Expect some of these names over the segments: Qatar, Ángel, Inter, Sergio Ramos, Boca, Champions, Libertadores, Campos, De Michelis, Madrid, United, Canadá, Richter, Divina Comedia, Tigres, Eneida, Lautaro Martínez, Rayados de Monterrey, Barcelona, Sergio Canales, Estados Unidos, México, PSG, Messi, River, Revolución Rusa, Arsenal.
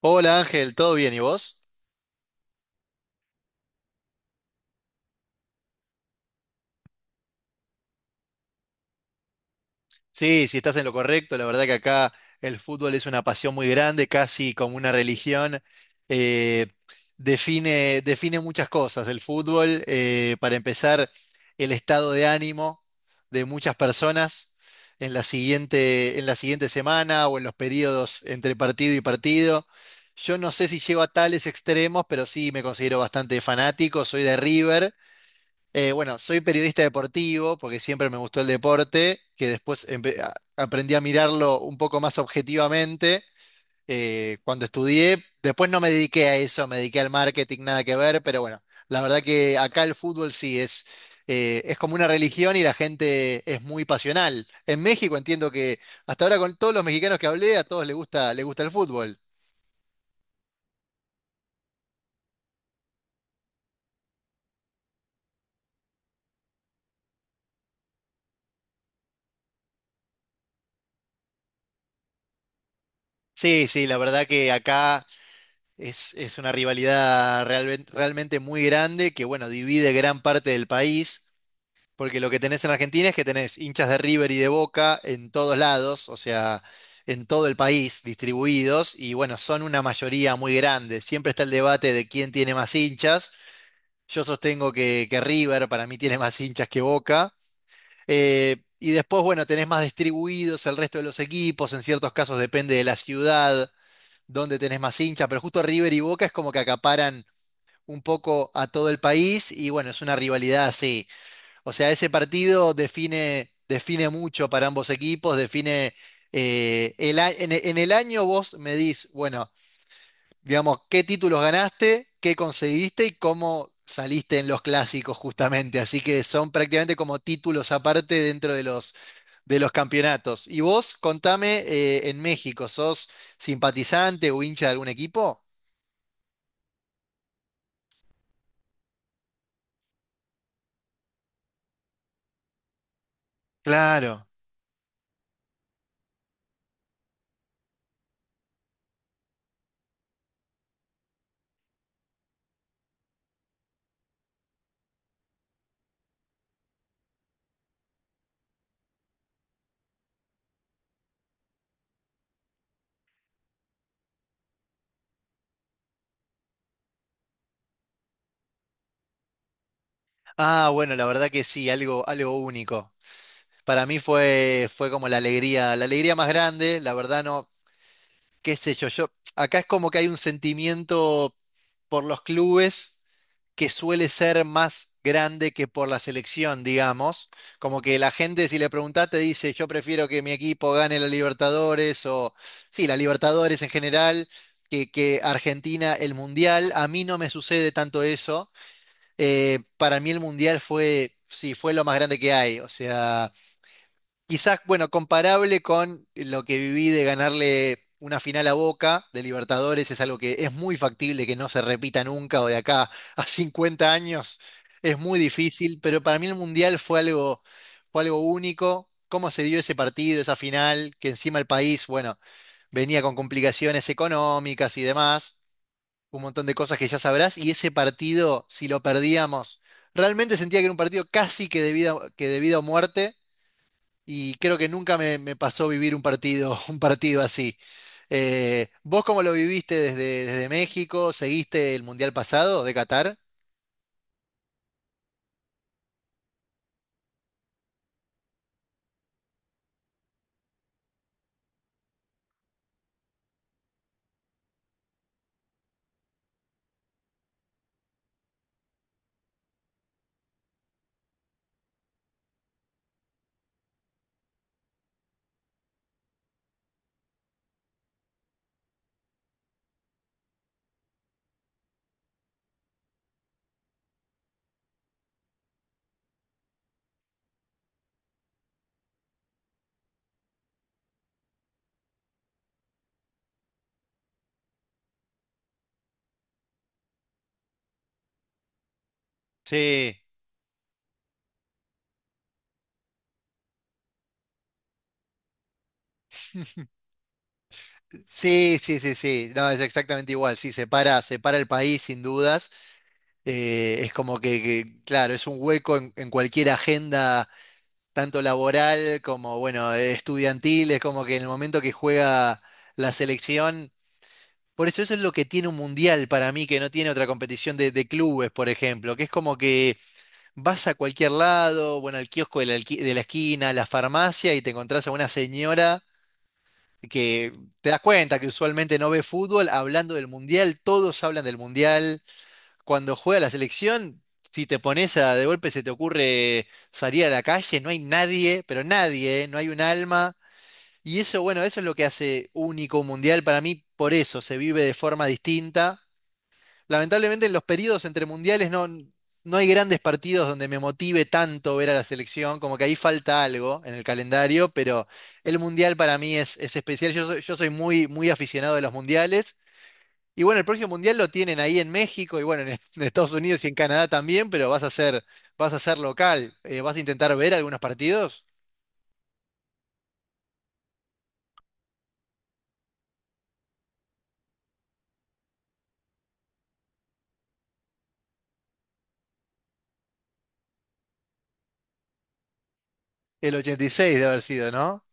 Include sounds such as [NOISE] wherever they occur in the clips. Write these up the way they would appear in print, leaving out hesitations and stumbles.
Hola Ángel, ¿todo bien? ¿Y vos? Sí, sí, estás en lo correcto. La verdad que acá el fútbol es una pasión muy grande, casi como una religión. Eh, define, define muchas cosas. El fútbol, para empezar, el estado de ánimo de muchas personas en la siguiente semana o en los periodos entre partido y partido. Yo no sé si llego a tales extremos, pero sí me considero bastante fanático. Soy de River. Bueno, soy periodista deportivo porque siempre me gustó el deporte, que después aprendí a mirarlo un poco más objetivamente cuando estudié. Después no me dediqué a eso, me dediqué al marketing, nada que ver, pero bueno, la verdad que acá el fútbol sí es como una religión y la gente es muy pasional. En México entiendo que hasta ahora con todos los mexicanos que hablé, a todos les gusta el fútbol. Sí, sí, la verdad que acá... es una rivalidad realmente, realmente muy grande que, bueno, divide gran parte del país, porque lo que tenés en Argentina es que tenés hinchas de River y de Boca en todos lados, o sea, en todo el país distribuidos, y bueno, son una mayoría muy grande. Siempre está el debate de quién tiene más hinchas. Yo sostengo que River para mí tiene más hinchas que Boca. Y después, bueno, tenés más distribuidos el resto de los equipos, en ciertos casos depende de la ciudad, donde tenés más hinchas, pero justo River y Boca es como que acaparan un poco a todo el país y bueno, es una rivalidad así. O sea, ese partido define, define mucho para ambos equipos, define el, a- en, e- en el año vos medís, bueno, digamos, qué títulos ganaste, qué conseguiste y cómo saliste en los clásicos justamente. Así que son prácticamente como títulos aparte dentro de los campeonatos. Y vos, contame, en México, ¿sos simpatizante o hincha de algún equipo? Claro. Ah, bueno, la verdad que sí, algo, algo único. Para mí fue, fue como la alegría más grande, la verdad no, qué sé yo, yo, acá es como que hay un sentimiento por los clubes que suele ser más grande que por la selección, digamos. Como que la gente, si le preguntás, te dice, yo prefiero que mi equipo gane la Libertadores o, sí, la Libertadores en general, que Argentina el Mundial. A mí no me sucede tanto eso. Para mí el Mundial fue, sí, fue lo más grande que hay. O sea, quizás, bueno, comparable con lo que viví de ganarle una final a Boca de Libertadores, es algo que es muy factible que no se repita nunca o de acá a [LAUGHS] 50 años. Es muy difícil, pero para mí el Mundial fue algo único. Cómo se dio ese partido, esa final, que encima el país, bueno, venía con complicaciones económicas y demás un montón de cosas que ya sabrás, y ese partido, si lo perdíamos, realmente sentía que era un partido casi que de vida o muerte, y creo que nunca me, me pasó vivir un partido, [LAUGHS] un partido así. ¿Vos cómo lo viviste desde, desde México? ¿Seguiste el Mundial pasado de Qatar? Sí, sí, sí, sí, sí. No, es exactamente igual. Sí, separa, separa el país sin dudas. Es como que, claro, es un hueco en cualquier agenda tanto laboral como, bueno, estudiantil, es como que en el momento que juega la selección, por eso eso es lo que tiene un mundial para mí, que no tiene otra competición de clubes, por ejemplo, que es como que vas a cualquier lado, bueno, al kiosco de la, de la esquina, a la farmacia y te encontrás a una señora que te das cuenta que usualmente no ve fútbol hablando del mundial, todos hablan del mundial cuando juega la selección, si te pones a de golpe se te ocurre salir a la calle, no hay nadie, pero nadie, ¿eh? No hay un alma. Y eso, bueno, eso es lo que hace único un mundial para mí, por eso se vive de forma distinta. Lamentablemente en los periodos entre mundiales no, no hay grandes partidos donde me motive tanto ver a la selección, como que ahí falta algo en el calendario, pero el mundial para mí es especial. Yo soy muy, muy aficionado de los mundiales y bueno, el próximo mundial lo tienen ahí en México y bueno, en, [LAUGHS] en Estados Unidos y en Canadá también, pero vas a ser local. Vas a intentar ver algunos partidos. El 86 de haber sido, ¿no?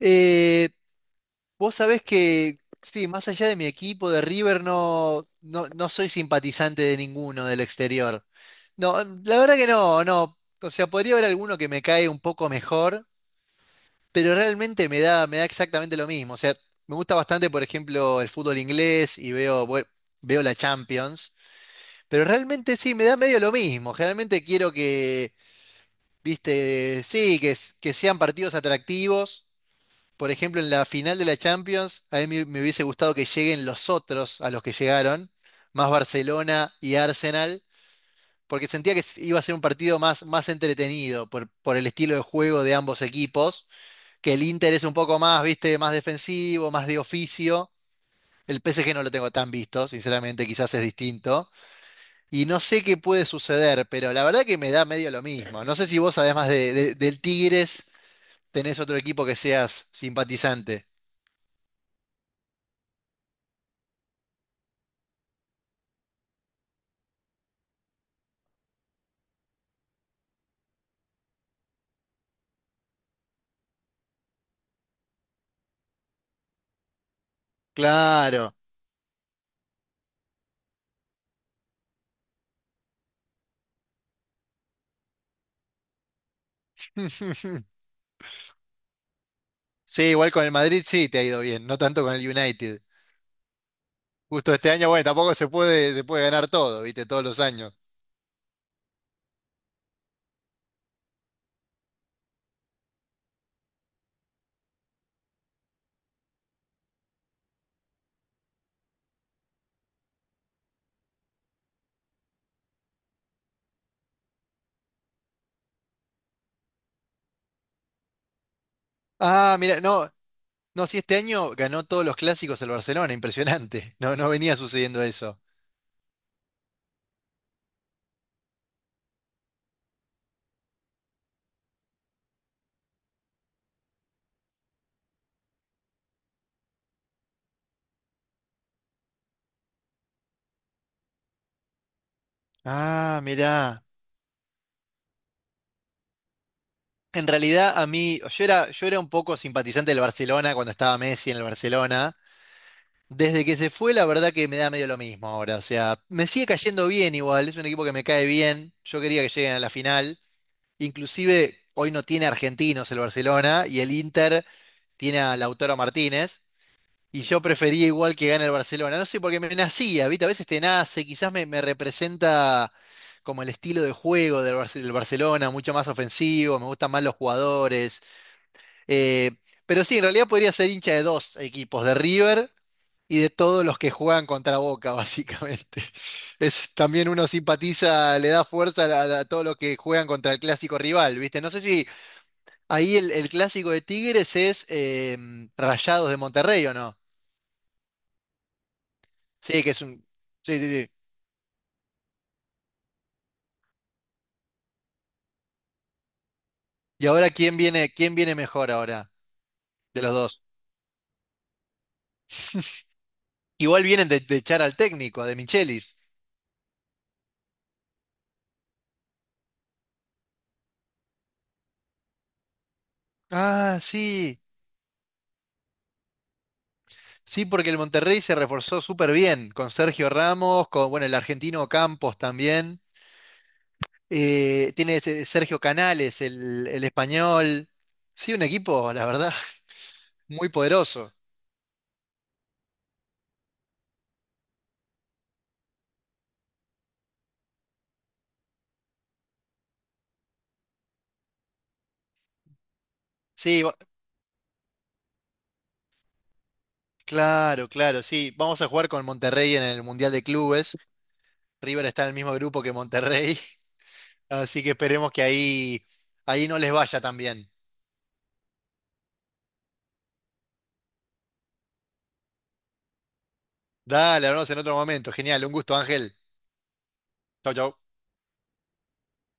Eh, vos sabés que, sí, más allá de mi equipo de River, no, no, no soy simpatizante de ninguno del exterior. No, la verdad que no, no. O sea, podría haber alguno que me cae un poco mejor, pero realmente me da exactamente lo mismo. O sea, me gusta bastante, por ejemplo, el fútbol inglés y veo, bueno, veo la Champions. Pero realmente sí, me da medio lo mismo. Generalmente quiero que, viste, sí, que sean partidos atractivos. Por ejemplo, en la final de la Champions, a mí me, me hubiese gustado que lleguen los otros a los que llegaron, más Barcelona y Arsenal, porque sentía que iba a ser un partido más, más entretenido por el estilo de juego de ambos equipos, que el Inter es un poco más, viste, más defensivo, más de oficio. El PSG no lo tengo tan visto, sinceramente, quizás es distinto. Y no sé qué puede suceder, pero la verdad que me da medio lo mismo. No sé si vos, además de, del Tigres, tenés otro equipo que seas simpatizante. Claro. [LAUGHS] Sí, igual con el Madrid sí te ha ido bien, no tanto con el United. Justo este año, bueno, tampoco se puede, se puede ganar todo, ¿viste? Todos los años. Ah, mira, no, no, sí, este año ganó todos los clásicos el Barcelona, impresionante. No, no venía sucediendo eso. Ah, mirá. En realidad a mí, yo era un poco simpatizante del Barcelona cuando estaba Messi en el Barcelona. Desde que se fue, la verdad que me da medio lo mismo ahora. O sea, me sigue cayendo bien igual, es un equipo que me cae bien. Yo quería que lleguen a la final. Inclusive hoy no tiene argentinos el Barcelona y el Inter tiene a Lautaro Martínez. Y yo prefería igual que gane el Barcelona. No sé, porque me nacía, ¿viste? A veces te nace, quizás me, me representa como el estilo de juego del del Barcelona, mucho más ofensivo, me gustan más los jugadores. Eh, pero sí, en realidad podría ser hincha de dos equipos, de River y de todos los que juegan contra Boca, [LAUGHS] básicamente. Es, también uno simpatiza, le da fuerza a todos los que juegan contra el clásico rival, ¿viste? No sé si ahí el clásico de Tigres es Rayados de Monterrey o no. Sí, que es un... Sí, sí, sí. Y ahora, quién viene mejor ahora de los dos? Igual vienen de echar al técnico, a De Michelis. Ah, sí. Sí, porque el Monterrey se reforzó súper bien con Sergio Ramos, con bueno, el argentino Campos también. Tiene ese Sergio Canales, el español. Sí, un equipo, la verdad, [LAUGHS] muy poderoso. Sí, va- claro, claro, sí. Vamos a jugar con Monterrey en el Mundial de Clubes. River está en el mismo grupo que Monterrey, [LAUGHS] así que esperemos que ahí, ahí no les vaya tan bien. Dale, hablamos en otro momento. Genial, un gusto, Ángel. Chau, chau.